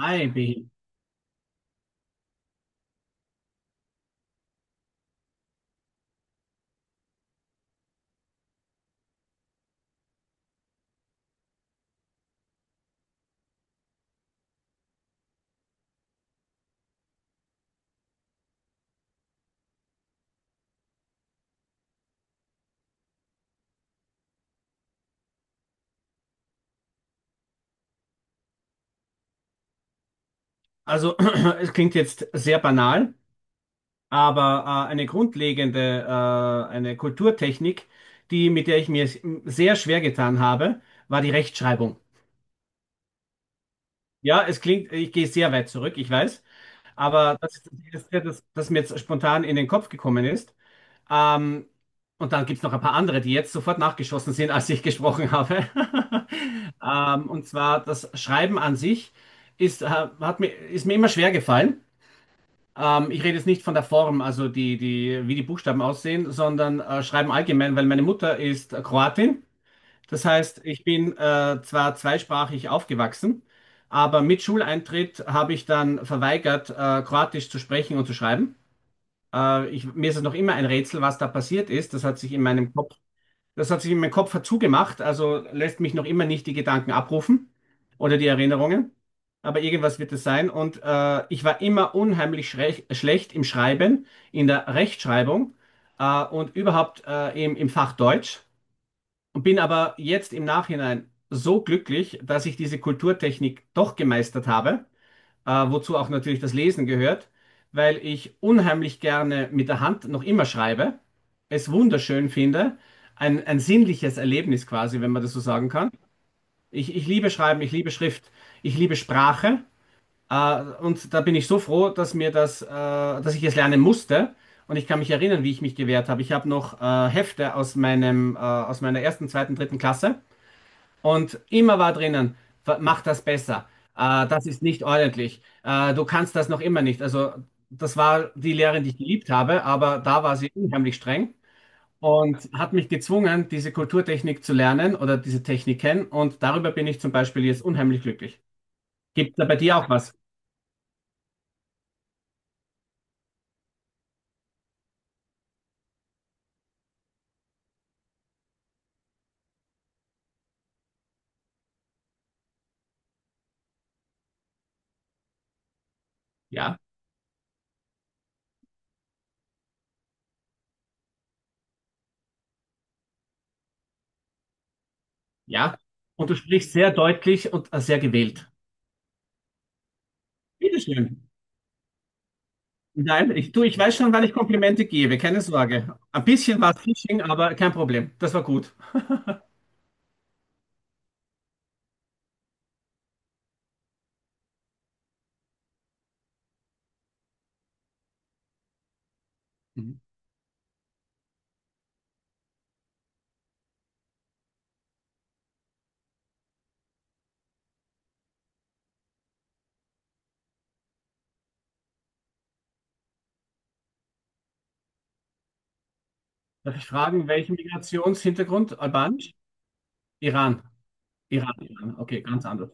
Hi, Behi. Also, es klingt jetzt sehr banal, aber eine grundlegende, eine Kulturtechnik, die, mit der ich mir sehr schwer getan habe, war die Rechtschreibung. Ja, es klingt, ich gehe sehr weit zurück, ich weiß, aber das ist das Erste, das mir jetzt spontan in den Kopf gekommen ist. Ähm, und dann gibt es noch ein paar andere, die jetzt sofort nachgeschossen sind, als ich gesprochen habe. Und zwar das Schreiben an sich ist mir immer schwer gefallen. Ich rede jetzt nicht von der Form, also die, wie die Buchstaben aussehen, sondern schreiben allgemein, weil meine Mutter ist Kroatin. Das heißt, ich bin zwar zweisprachig aufgewachsen, aber mit Schuleintritt habe ich dann verweigert, Kroatisch zu sprechen und zu schreiben. Mir ist es noch immer ein Rätsel, was da passiert ist. Das hat sich in meinem Kopf zugemacht, also lässt mich noch immer nicht die Gedanken abrufen oder die Erinnerungen. Aber irgendwas wird es sein. Und ich war immer unheimlich schlecht im Schreiben, in der Rechtschreibung und überhaupt im Fach Deutsch. Und bin aber jetzt im Nachhinein so glücklich, dass ich diese Kulturtechnik doch gemeistert habe, wozu auch natürlich das Lesen gehört, weil ich unheimlich gerne mit der Hand noch immer schreibe, es wunderschön finde, ein sinnliches Erlebnis quasi, wenn man das so sagen kann. Ich liebe Schreiben, ich liebe Schrift, ich liebe Sprache, und da bin ich so froh, dass dass ich es lernen musste. Und ich kann mich erinnern, wie ich mich gewehrt habe. Ich habe noch Hefte aus aus meiner ersten, zweiten, dritten Klasse. Und immer war drinnen, mach das besser. Das ist nicht ordentlich. Du kannst das noch immer nicht. Also das war die Lehrerin, die ich geliebt habe, aber da war sie unheimlich streng und hat mich gezwungen, diese Kulturtechnik zu lernen oder diese Techniken. Und darüber bin ich zum Beispiel jetzt unheimlich glücklich. Gibt da bei dir auch was? Ja, ja. Und du sprichst sehr deutlich und sehr gewählt. Bitteschön. Nein, ich weiß schon, wann ich Komplimente gebe, keine Sorge. Ein bisschen war es Phishing, aber kein Problem. Das war gut. Darf ich fragen, welchen Migrationshintergrund? Albanisch? Iran. Iran. Okay, ganz anders.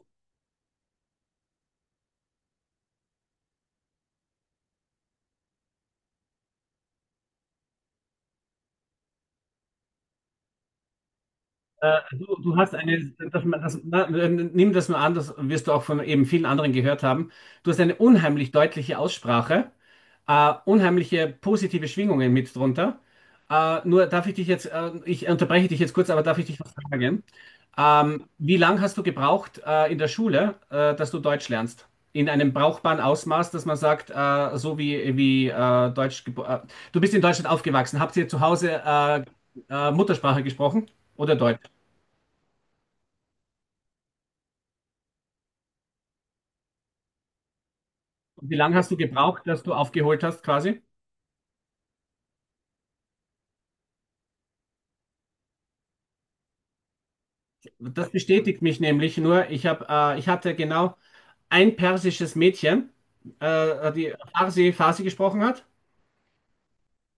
Du hast eine, nimm das mal an, das wirst du auch von eben vielen anderen gehört haben. Du hast eine unheimlich deutliche Aussprache, unheimliche positive Schwingungen mit drunter. Nur darf ich dich jetzt, Ich unterbreche dich jetzt kurz, aber darf ich dich was fragen? Wie lange hast du gebraucht in der Schule, dass du Deutsch lernst? In einem brauchbaren Ausmaß, dass man sagt, so wie du bist in Deutschland aufgewachsen. Habt ihr zu Hause Muttersprache gesprochen oder Deutsch? Und wie lange hast du gebraucht, dass du aufgeholt hast quasi? Das bestätigt mich nämlich nur. Ich hatte genau ein persisches Mädchen, die Farsi gesprochen hat.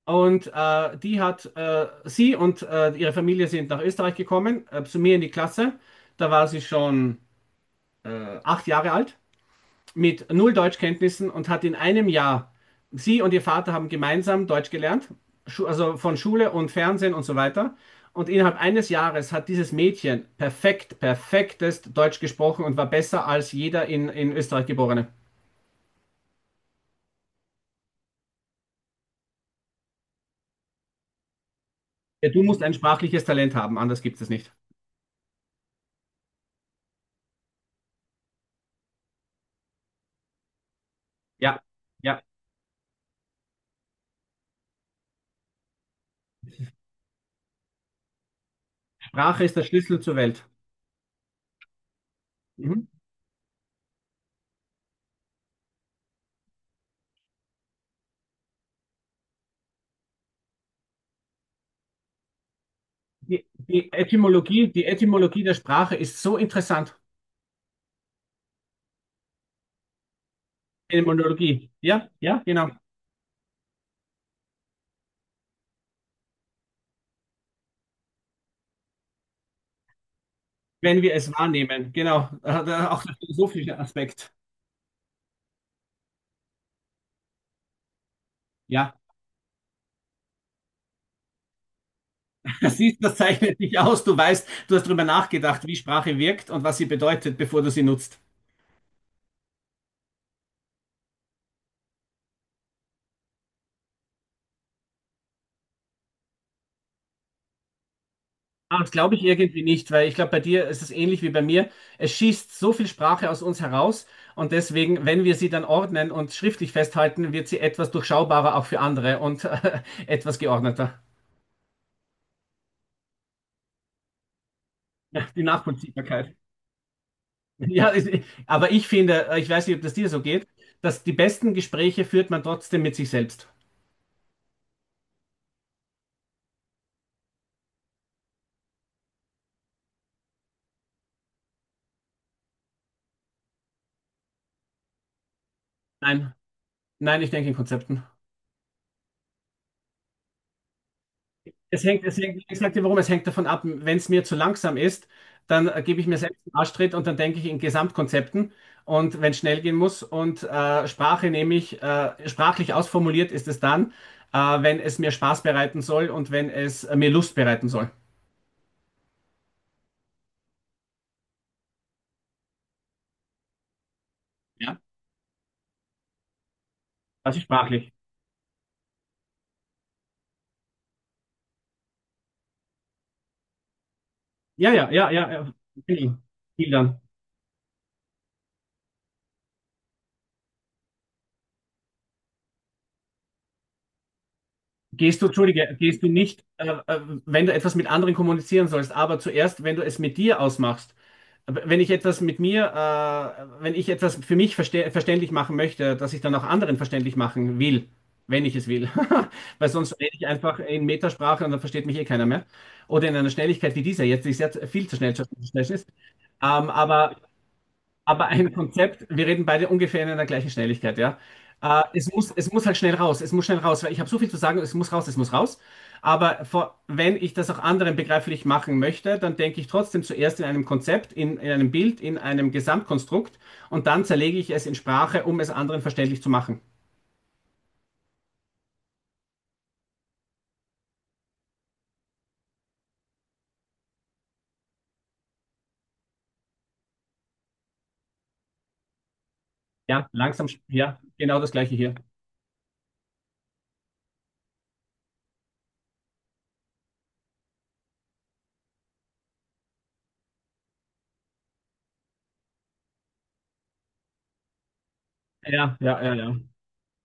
Und sie und ihre Familie sind nach Österreich gekommen, zu mir in die Klasse. Da war sie schon acht Jahre alt mit null Deutschkenntnissen und hat in einem Jahr, sie und ihr Vater haben gemeinsam Deutsch gelernt, also von Schule und Fernsehen und so weiter. Und innerhalb eines Jahres hat dieses Mädchen perfekt, perfektest Deutsch gesprochen und war besser als jeder in Österreich Geborene. Ja, du musst ein sprachliches Talent haben, anders gibt es nicht. Ja, ja, Sprache ist der Schlüssel zur Welt. Mhm. Die Etymologie der Sprache ist so interessant. Etymologie, ja, ja, genau. Wenn wir es wahrnehmen. Genau, auch der philosophische Aspekt. Ja, das ist, das zeichnet dich aus. Du weißt, du hast darüber nachgedacht, wie Sprache wirkt und was sie bedeutet, bevor du sie nutzt. Ah, das glaube ich irgendwie nicht, weil ich glaube, bei dir ist es ähnlich wie bei mir. Es schießt so viel Sprache aus uns heraus und deswegen, wenn wir sie dann ordnen und schriftlich festhalten, wird sie etwas durchschaubarer auch für andere und etwas geordneter. Die Nachvollziehbarkeit. Ja, es- aber ich finde, ich weiß nicht, ob das dir so geht, dass die besten Gespräche führt man trotzdem mit sich selbst. Nein, nein, ich denke in Konzepten. Es hängt, ich sag dir warum, es hängt davon ab, wenn es mir zu langsam ist, dann gebe ich mir selbst einen Arschtritt und dann denke ich in Gesamtkonzepten. Und wenn es schnell gehen muss und Sprache nehme ich, sprachlich ausformuliert ist es dann, äh, wenn es mir Spaß bereiten soll und wenn es mir Lust bereiten soll. Ja, das ist sprachlich. Ja, ja, ja, ja, ja. Viel viel dann. Gehst du, entschuldige, gehst du nicht, wenn du etwas mit anderen kommunizieren sollst, aber zuerst, wenn du es mit dir ausmachst, wenn ich etwas mit mir, wenn ich etwas für mich verste verständlich machen möchte, dass ich dann auch anderen verständlich machen will, wenn ich es will. Weil sonst rede ich einfach in Metasprache und dann versteht mich eh keiner mehr. Oder in einer Schnelligkeit wie dieser jetzt, die sehr viel zu schnell ist. Ähm, aber aber ein Konzept, wir reden beide ungefähr in einer gleichen Schnelligkeit, ja. Es muss halt schnell raus, es muss schnell raus, weil ich habe so viel zu sagen, es muss raus, es muss raus. Wenn ich das auch anderen begreiflich machen möchte, dann denke ich trotzdem zuerst in einem Konzept, in einem Bild, in einem Gesamtkonstrukt und dann zerlege ich es in Sprache, um es anderen verständlich zu machen. Ja, langsam, ja, genau das Gleiche hier. Ja, ja, ja, ja.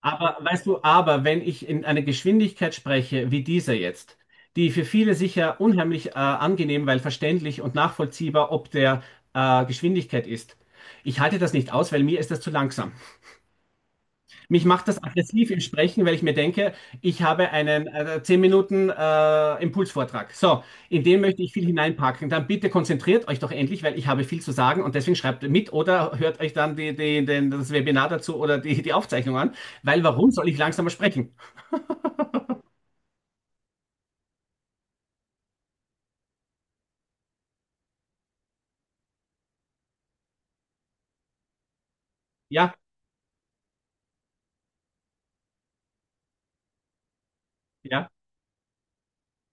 Aber weißt du, aber wenn ich in einer Geschwindigkeit spreche, wie dieser jetzt, die für viele sicher unheimlich angenehm, weil verständlich und nachvollziehbar ob der Geschwindigkeit ist, ich halte das nicht aus, weil mir ist das zu langsam. Mich macht das aggressiv im Sprechen, weil ich mir denke, ich habe einen 10 Minuten Impulsvortrag. So, in den möchte ich viel hineinpacken. Dann bitte konzentriert euch doch endlich, weil ich habe viel zu sagen und deswegen schreibt mit oder hört euch dann das Webinar dazu oder die Aufzeichnung an, weil warum soll ich langsamer sprechen? Ja, ja.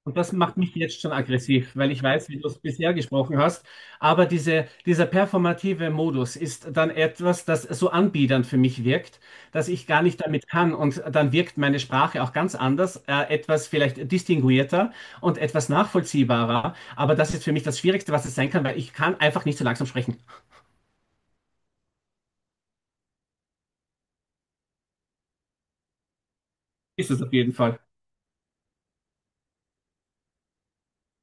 Und das macht mich jetzt schon aggressiv, weil ich weiß, wie du es bisher gesprochen hast. Aber dieser performative Modus ist dann etwas, das so anbiedernd für mich wirkt, dass ich gar nicht damit kann. Und dann wirkt meine Sprache auch ganz anders, etwas vielleicht distinguierter und etwas nachvollziehbarer. Aber das ist für mich das Schwierigste, was es sein kann, weil ich kann einfach nicht so langsam sprechen. Ist es auf jeden Fall.